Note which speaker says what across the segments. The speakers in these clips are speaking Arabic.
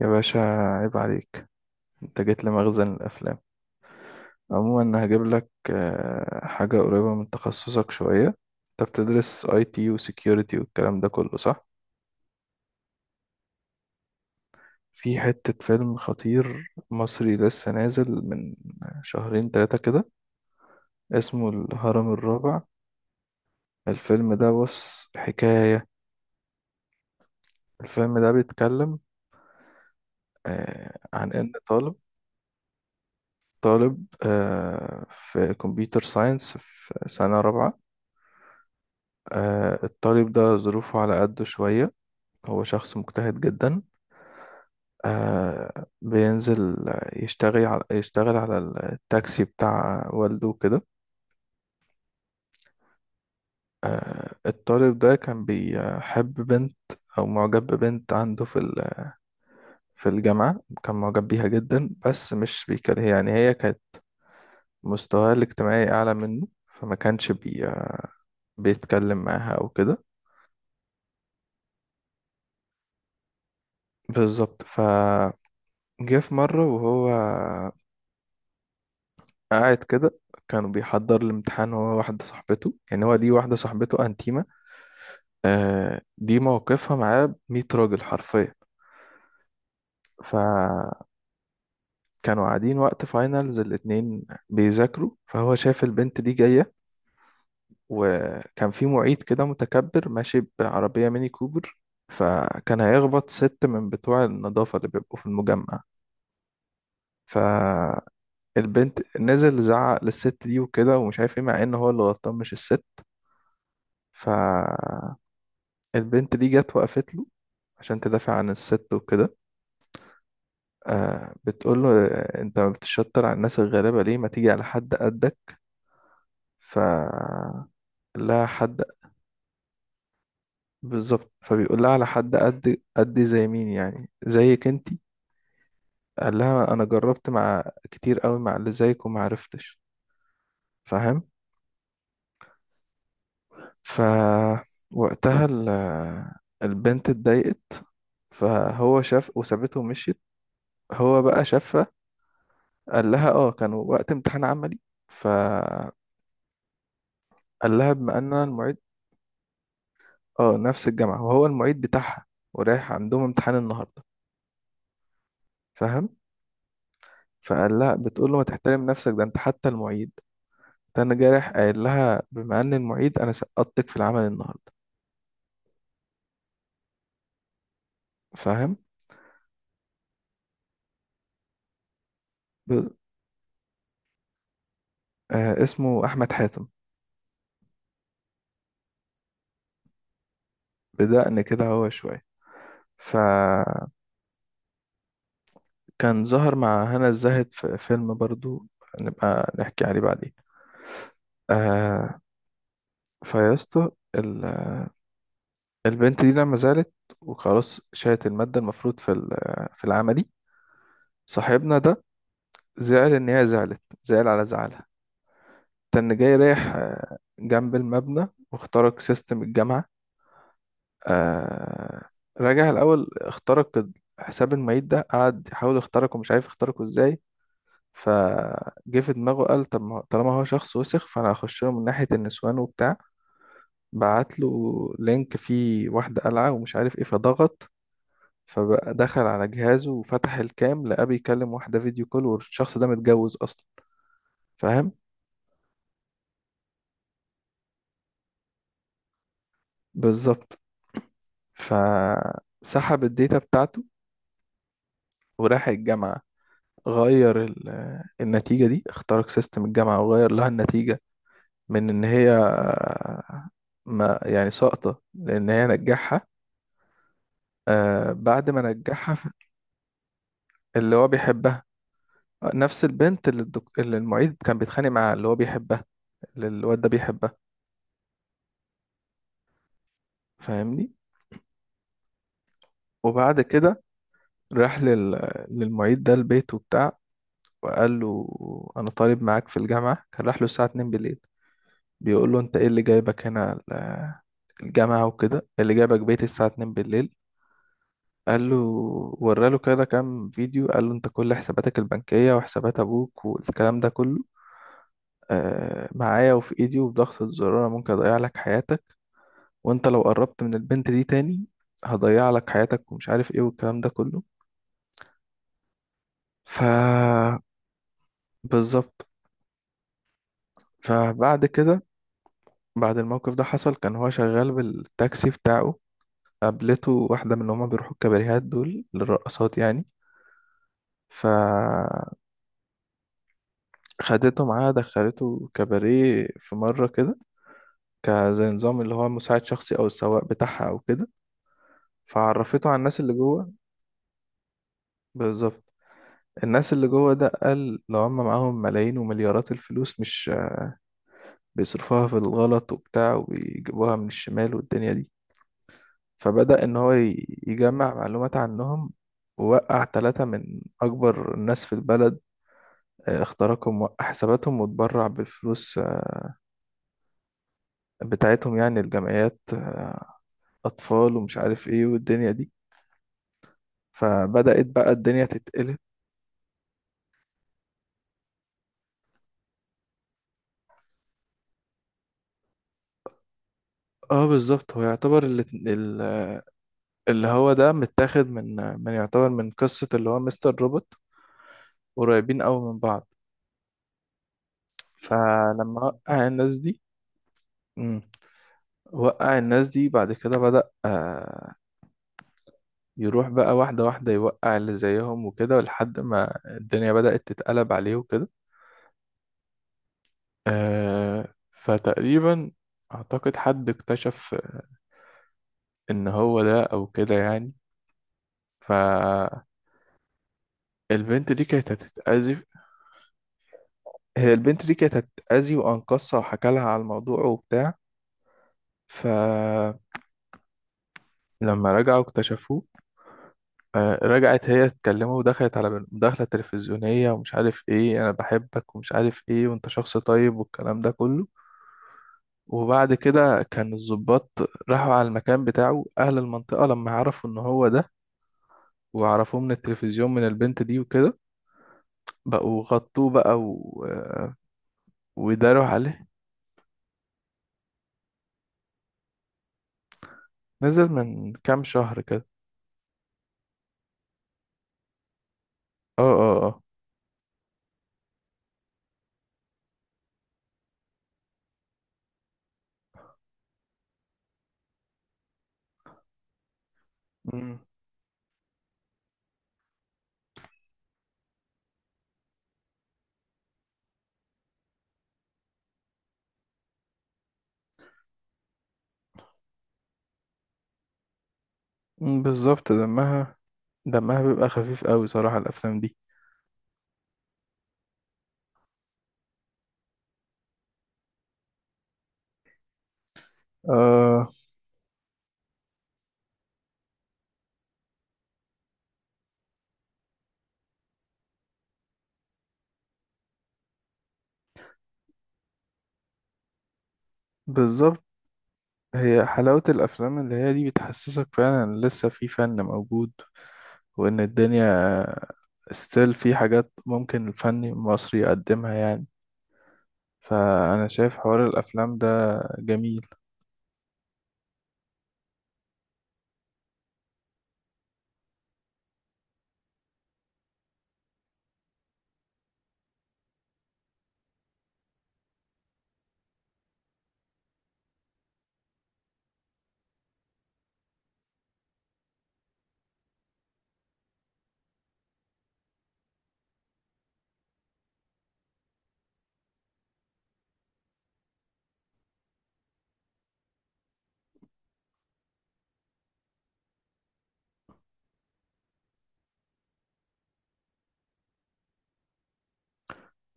Speaker 1: يا باشا، عيب عليك. انت جيت لمخزن الافلام. عموما هجيب لك حاجه قريبه من تخصصك شويه. انت بتدرس اي تي وسكيورتي والكلام ده كله، صح؟ في حته فيلم خطير مصري لسه نازل من شهرين ثلاثه كده، اسمه الهرم الرابع. الفيلم ده بص حكايه. الفيلم ده بيتكلم عن ان طالب في كمبيوتر ساينس في سنه رابعه. الطالب ده ظروفه على قده شوية. هو شخص مجتهد جدا. بينزل يشتغل على التاكسي بتاع والده كده. الطالب ده كان بيحب بنت أو معجب ببنت عنده في الجامعة. كان معجب بيها جدا، بس مش بيكلم. يعني هي كانت مستواها الاجتماعي أعلى منه، فما كانش بيتكلم معاها أو كده. بالظبط. فجه في مرة وهو قاعد كده، كانوا بيحضر الامتحان، هو واحدة صاحبته. يعني هو ليه واحدة صاحبته أنتيمة، دي موقفها معاه 100 راجل حرفيا. فكانوا قاعدين وقت فاينلز الاتنين بيذاكروا، فهو شاف البنت دي جاية، وكان في معيد كده متكبر ماشي بعربية ميني كوبر، فكان هيخبط ست من بتوع النظافة اللي بيبقوا في المجمع. فالبنت، نزل زعق للست دي وكده ومش عارف ايه، مع ان هو اللي غلطان مش الست. ف البنت دي جت وقفت له عشان تدافع عن الست وكده. بتقول له، انت بتشطر على الناس الغلابة، ليه ما تيجي على حد قدك؟ ف لها حد. بالظبط. فبيقول لها، على حد قد قدي زي مين يعني، زيك انتي؟ قال لها، انا جربت مع كتير قوي مع اللي زيك وما عرفتش، فاهم. ف وقتها البنت اتضايقت، فهو شاف وسابته ومشيت. هو بقى شافها قال لها، كانوا وقت امتحان عملي، فقال لها بما ان انا المعيد. اه، نفس الجامعه وهو المعيد بتاعها، ورايح عندهم امتحان النهارده، فاهم. فقال لها بتقول له، ما تحترم نفسك، ده انت حتى المعيد؟ ده انا جاي رايح قايل لها بما ان المعيد انا، سقطتك في العمل النهارده، فاهم. ب... اسمه احمد حاتم. بدقن كده هو شويه. فكان ظهر مع هنا الزاهد في فيلم برضو، نبقى نحكي عليه بعدين. آه فيا اسطى، البنت دي لما زعلت وخلاص شالت المادة المفروض في العملي. صاحبنا ده زعل إن هي زعلت، زعل على زعلها. كان جاي رايح جنب المبنى واخترق سيستم الجامعة. آه، رجع الأول اخترق حساب المعيد ده، قعد يحاول يخترقه مش عارف يخترقه ازاي. فجه في دماغه قال، طب طالما هو شخص وسخ، فأنا هخش له من ناحية النسوان وبتاع. بعت له لينك فيه واحدة قلعة ومش عارف ايه، فضغط، فدخل على جهازه وفتح الكام، لقاه بيكلم واحدة فيديو كول، والشخص ده متجوز أصلا، فاهم. بالظبط. فسحب الداتا بتاعته وراح الجامعة، غير النتيجة دي، اخترق سيستم الجامعة وغير لها النتيجة، من إن هي ما يعني ساقطة، لأن هي نجحها. بعد ما نجحها اللي هو بيحبها، نفس البنت اللي المعيد كان بيتخانق معاها، اللي هو بيحبها، اللي الواد ده بيحبها، فاهمني. وبعد كده راح للمعيد ده البيت وبتاع، وقال له، انا طالب معاك في الجامعه. كان راح له الساعه 2 بالليل، بيقول له، انت ايه اللي جايبك هنا الجامعه وكده، إيه اللي جايبك بيت الساعه 2 بالليل؟ قال له، وراله كده كام فيديو، قال له، انت كل حساباتك البنكيه وحسابات ابوك والكلام ده كله معايا وفي ايدي، وبضغطة زرار أنا ممكن اضيع لك حياتك، وانت لو قربت من البنت دي تاني هضيع لك حياتك ومش عارف ايه والكلام ده كله. ف بالظبط. فبعد كده، بعد الموقف ده حصل، كان هو شغال بالتاكسي بتاعه، قابلته واحدة من اللي هما بيروحوا الكباريهات دول للرقصات يعني، فخدته معاها دخلته كباريه في مرة كده، كزي نظام اللي هو مساعد شخصي أو السواق بتاعها أو كده، فعرفته على الناس اللي جوه. بالظبط. الناس اللي جوه ده، قال لو هم معاهم ملايين ومليارات الفلوس، مش بيصرفوها في الغلط وبتاع، وبيجيبوها من الشمال والدنيا دي. فبدأ إن هو يجمع معلومات عنهم، ووقع ثلاثة من أكبر الناس في البلد. اخترقهم، وقع حساباتهم واتبرع بالفلوس بتاعتهم، يعني الجمعيات، أطفال ومش عارف إيه والدنيا دي. فبدأت بقى الدنيا تتقلب. اه، بالظبط. هو يعتبر اللي هو ده متاخد من يعتبر من قصة اللي هو مستر روبوت، قريبين قوي من بعض. فلما وقع الناس دي. مم. وقع الناس دي، بعد كده بدأ يروح بقى واحدة واحدة يوقع اللي زيهم وكده، لحد ما الدنيا بدأت تتقلب عليه وكده. آه فتقريبا أعتقد حد اكتشف إن هو ده أو كده يعني، فالبنت دي كانت هتتأذي. هي البنت دي كانت هتتأذي، وأنقذها وحكى لها على الموضوع وبتاع، فلما رجعوا اكتشفوه. رجعت هي تكلمه ودخلت على مداخلة تلفزيونية ومش عارف ايه، أنا بحبك ومش عارف ايه وأنت شخص طيب والكلام ده كله. وبعد كده كان الضباط راحوا على المكان بتاعه، أهل المنطقة لما عرفوا إن هو ده وعرفوه من التلفزيون من البنت دي وكده، بقوا غطوه بقى وداروا عليه. نزل من كام شهر كده. اه، اه، اه. مم. مم، بالظبط. دمها بيبقى خفيف قوي صراحة، الأفلام دي. آه بالظبط. هي حلاوة الأفلام اللي هي دي بتحسسك فعلا إن لسه في فن موجود، وإن الدنيا ستيل في حاجات ممكن الفن المصري يقدمها يعني. فأنا شايف حوار الأفلام ده جميل.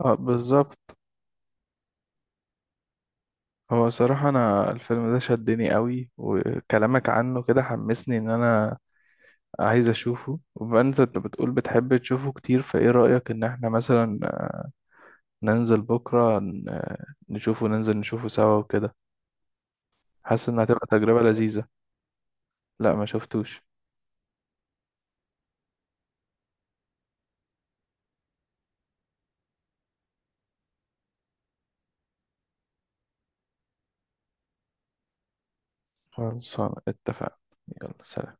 Speaker 1: اه، بالظبط. هو صراحة أنا الفيلم ده شدني قوي، وكلامك عنه كده حمسني إن أنا عايز أشوفه. وبما إن أنت بتقول بتحب تشوفه كتير، فإيه رأيك إن إحنا مثلا ننزل بكرة نشوفه، ننزل نشوفه سوا وكده؟ حاسس إنها هتبقى تجربة لذيذة. لا، ما شفتوش. خلاص، اتفقنا. يلا سلام.